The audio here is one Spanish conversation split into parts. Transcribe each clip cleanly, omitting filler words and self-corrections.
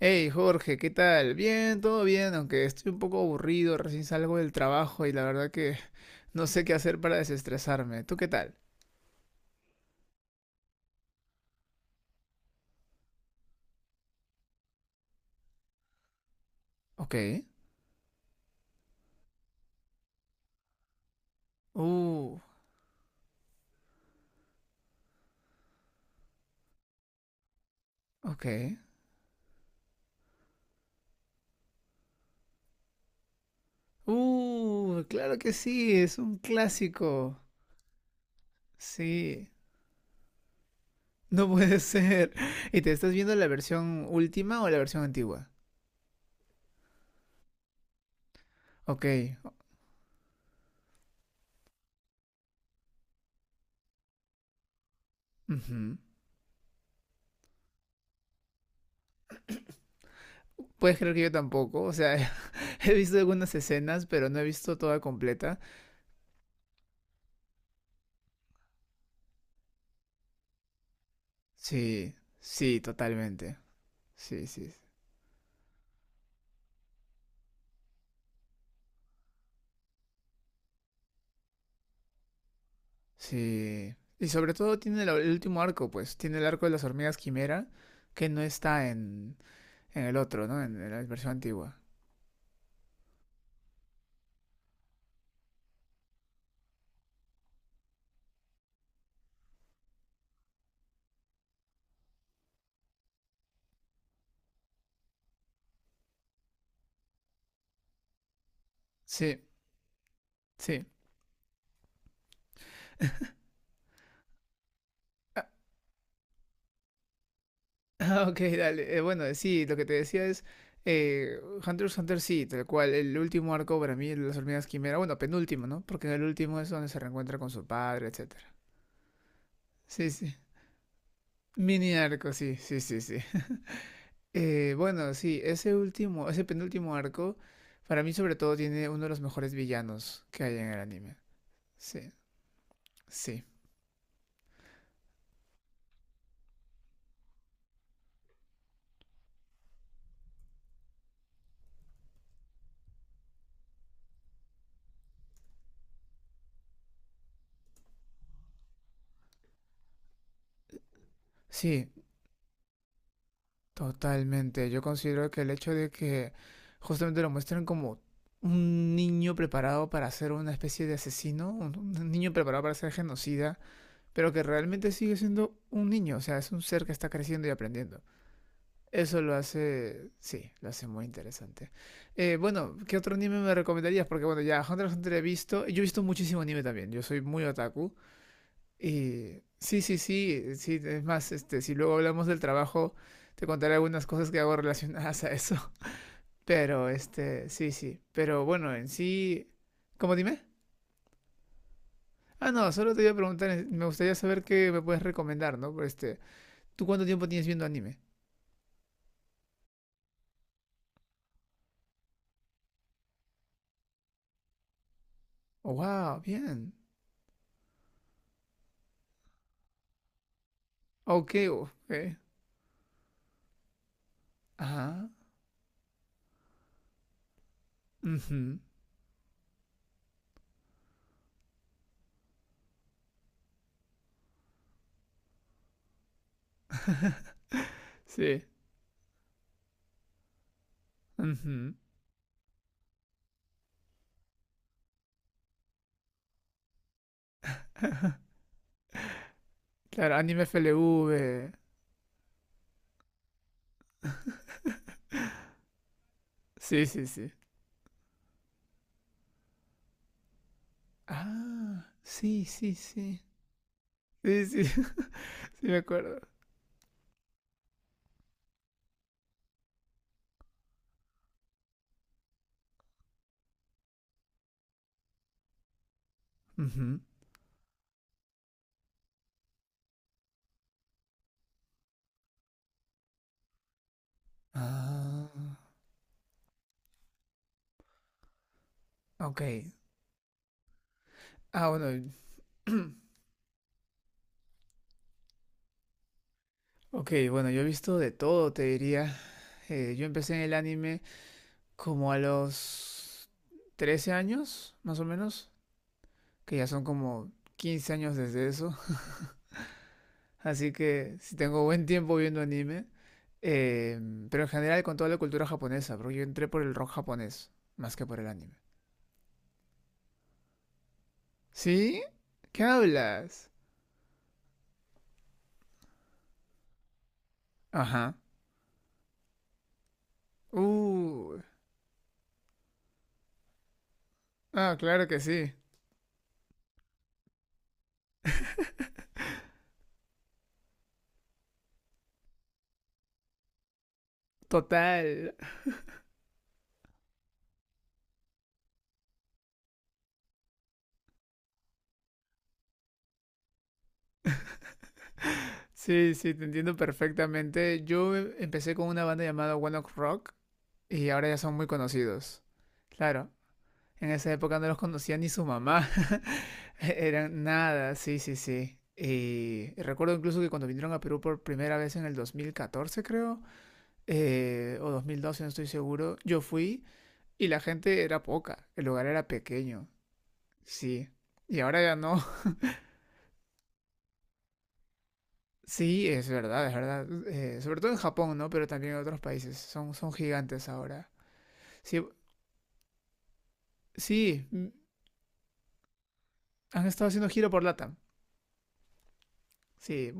Hey Jorge, ¿qué tal? Bien, todo bien, aunque estoy un poco aburrido, recién salgo del trabajo y la verdad que no sé qué hacer para desestresarme. ¿Tú qué tal? Ok. Uh, ok. Claro que sí, es un clásico. Sí, no puede ser. ¿Y te estás viendo la versión última o la versión antigua? Ok. Ujú. Puedes creer que yo tampoco, o sea, he visto algunas escenas, pero no he visto toda completa. Sí, sí, totalmente. Sí, sí, sí. Y sobre todo tiene el último arco, pues. Tiene el arco de las hormigas quimera, que no está en el otro, ¿no? En la versión antigua. Sí, sí. Ah, ok, dale. Bueno, sí, lo que te decía es. Eh, Hunter x Hunter, sí, tal cual. El último arco para mí, el de las hormigas quimera. Bueno, penúltimo, ¿no? Porque en el último es donde se reencuentra con su padre, etcétera. Sí, sí. Mini arco, sí, sí, sí, sí. Bueno, sí, ese penúltimo arco, para mí sobre todo tiene uno de los mejores villanos que hay en el anime. Sí, sí, sí, totalmente. Yo considero que el hecho de que justamente lo muestran como un niño preparado para ser una especie de asesino, un niño preparado para ser genocida, pero que realmente sigue siendo un niño, o sea, es un ser que está creciendo y aprendiendo. Eso lo hace, sí, lo hace muy interesante. Bueno, ¿qué otro anime me recomendarías? Porque bueno, ya Hunter x Hunter he visto, yo he visto muchísimo anime también, yo soy muy otaku. Y sí, sí, sí, sí, es más, este, si luego hablamos del trabajo, te contaré algunas cosas que hago relacionadas a eso. Pero, este, sí, sí, pero bueno, en sí, ¿cómo dime? Ah, no, solo te iba a preguntar, me gustaría saber qué me puedes recomendar, ¿no? ¿Tú cuánto tiempo tienes viendo anime? Oh, wow, bien. Ok, ok. Ajá. Ujú, sí. Ujú. Claro, Anime F L V. Sí, sí, sí. Ah, sí, sí, sí. Sí, sí, sí me acuerdo. Ujú. Ah, ok. Ah, bueno. Ok, bueno, yo he visto de todo, te diría. Yo empecé en el anime como a los 13 años, más o menos, que ya son como 15 años desde eso. Así que si tengo buen tiempo viendo anime, eh, pero en general con toda la cultura japonesa, porque yo entré por el rock japonés, más que por el anime. ¿Sí? ¿Qué hablas? Ajá. Uh. Ah, claro que sí. Total. Sí, sí, te entiendo perfectamente. Yo empecé con una banda llamada One Ok Rock y ahora ya son muy conocidos. Claro, en esa época no los conocía ni su mamá. Eran nada, sí, sí, sí. Y recuerdo incluso que cuando vinieron a Perú por primera vez en el 2014 creo, o 2012 no estoy seguro, yo fui y la gente era poca, el lugar era pequeño, sí. Y ahora ya no. Sí, es verdad, es verdad. Sobre todo en Japón, ¿no? Pero también en otros países. Son gigantes ahora. Sí, sí, han estado haciendo giro por LATAM. Sí.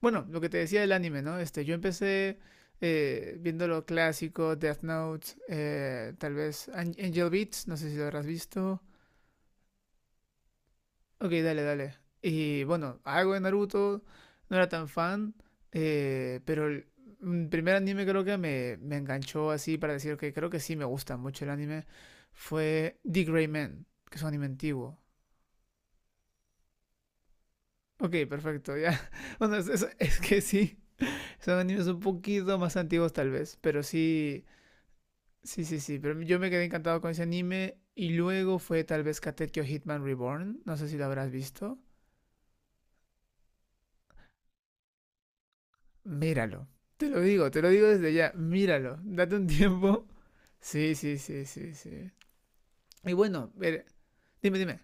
Bueno, lo que te decía del anime, ¿no? Este, yo empecé viendo lo clásico, Death Note, tal vez Angel Beats, no sé si lo habrás visto. Ok, dale, dale. Y bueno, algo de Naruto, no era tan fan, pero el primer anime creo que me enganchó así para decir que creo que sí me gusta mucho el anime fue The Gray Man, que es un anime antiguo. Ok, perfecto, ya. Bueno, es que sí. Son animes un poquito más antiguos tal vez, pero sí, sí, sí, sí. Pero yo me quedé encantado con ese anime y luego fue tal vez Katekyo Hitman Reborn. No sé si lo habrás visto. Míralo. Te lo digo desde ya. Míralo. Date un tiempo. Sí, sí, sí, sí, sí. Y bueno, dime, dime.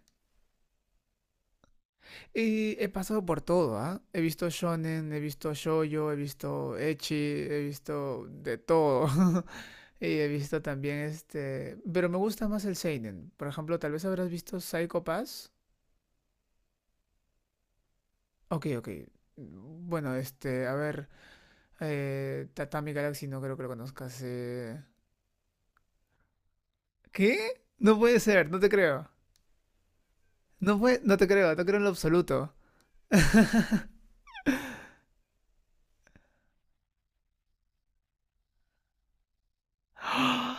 Y he pasado por todo, ¿ah? He visto shonen, he visto shoujo, he visto ecchi, he visto de todo. Y he visto también este... Pero me gusta más el seinen. Por ejemplo, tal vez habrás visto Psycho Pass. Ok, ok. Bueno, este, a ver... Tatami Galaxy no creo que lo conozcas. ¿Qué? No puede ser, no te creo. No puede... No te creo, no te creo en lo absoluto.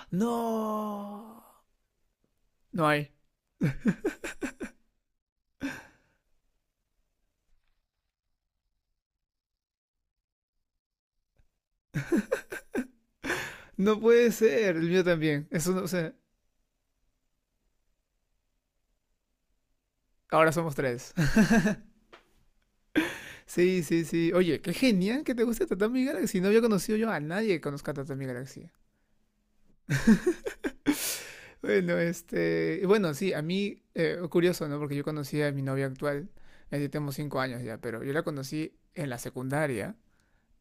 No. No hay. No puede ser, el mío también. Eso no, sé. Ahora somos tres. Sí, sí, sí. Oye, qué genial que te guste Tatami Galaxy. No había conocido yo a nadie que conozca Tatami Galaxy. Bueno, este. Bueno, sí, a mí, curioso, ¿no? Porque yo conocí a mi novia actual. Ya tenemos 5 años ya, pero yo la conocí en la secundaria.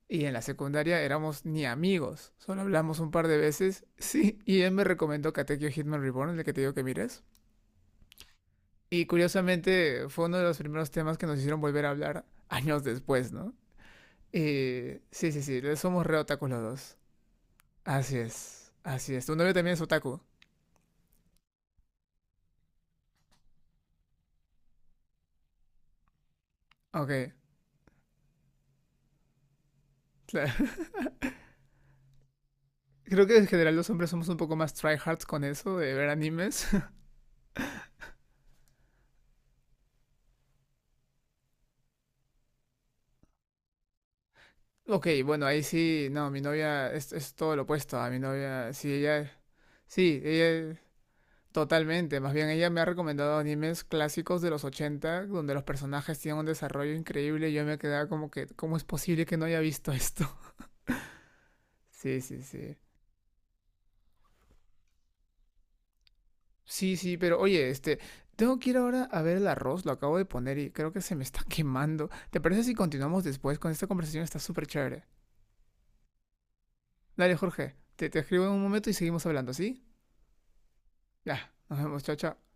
Y en la secundaria éramos ni amigos. Solo hablamos un par de veces. Sí, y él me recomendó Katekyo Hitman Reborn, el que te digo que mires. Y curiosamente fue uno de los primeros temas que nos hicieron volver a hablar años después, ¿no? Y sí, sí, sí, somos re otakus los dos. Así es, así es. Tu novio también es otaku. Ok, claro. Creo que en general los hombres somos un poco más tryhards con eso de ver animes. Ok, bueno, ahí sí, no, mi novia es todo lo opuesto a mi novia. Sí, ella totalmente, más bien ella me ha recomendado animes clásicos de los 80 donde los personajes tienen un desarrollo increíble y yo me quedaba como que, ¿cómo es posible que no haya visto esto? Sí, sí, sí. Sí, sí, pero oye, este, tengo que ir ahora a ver el arroz, lo acabo de poner y creo que se me está quemando. ¿Te parece si continuamos después con esta conversación? Está súper chévere. Dale, Jorge, te escribo en un momento y seguimos hablando, ¿sí? Ya, nos vemos, chao, chao.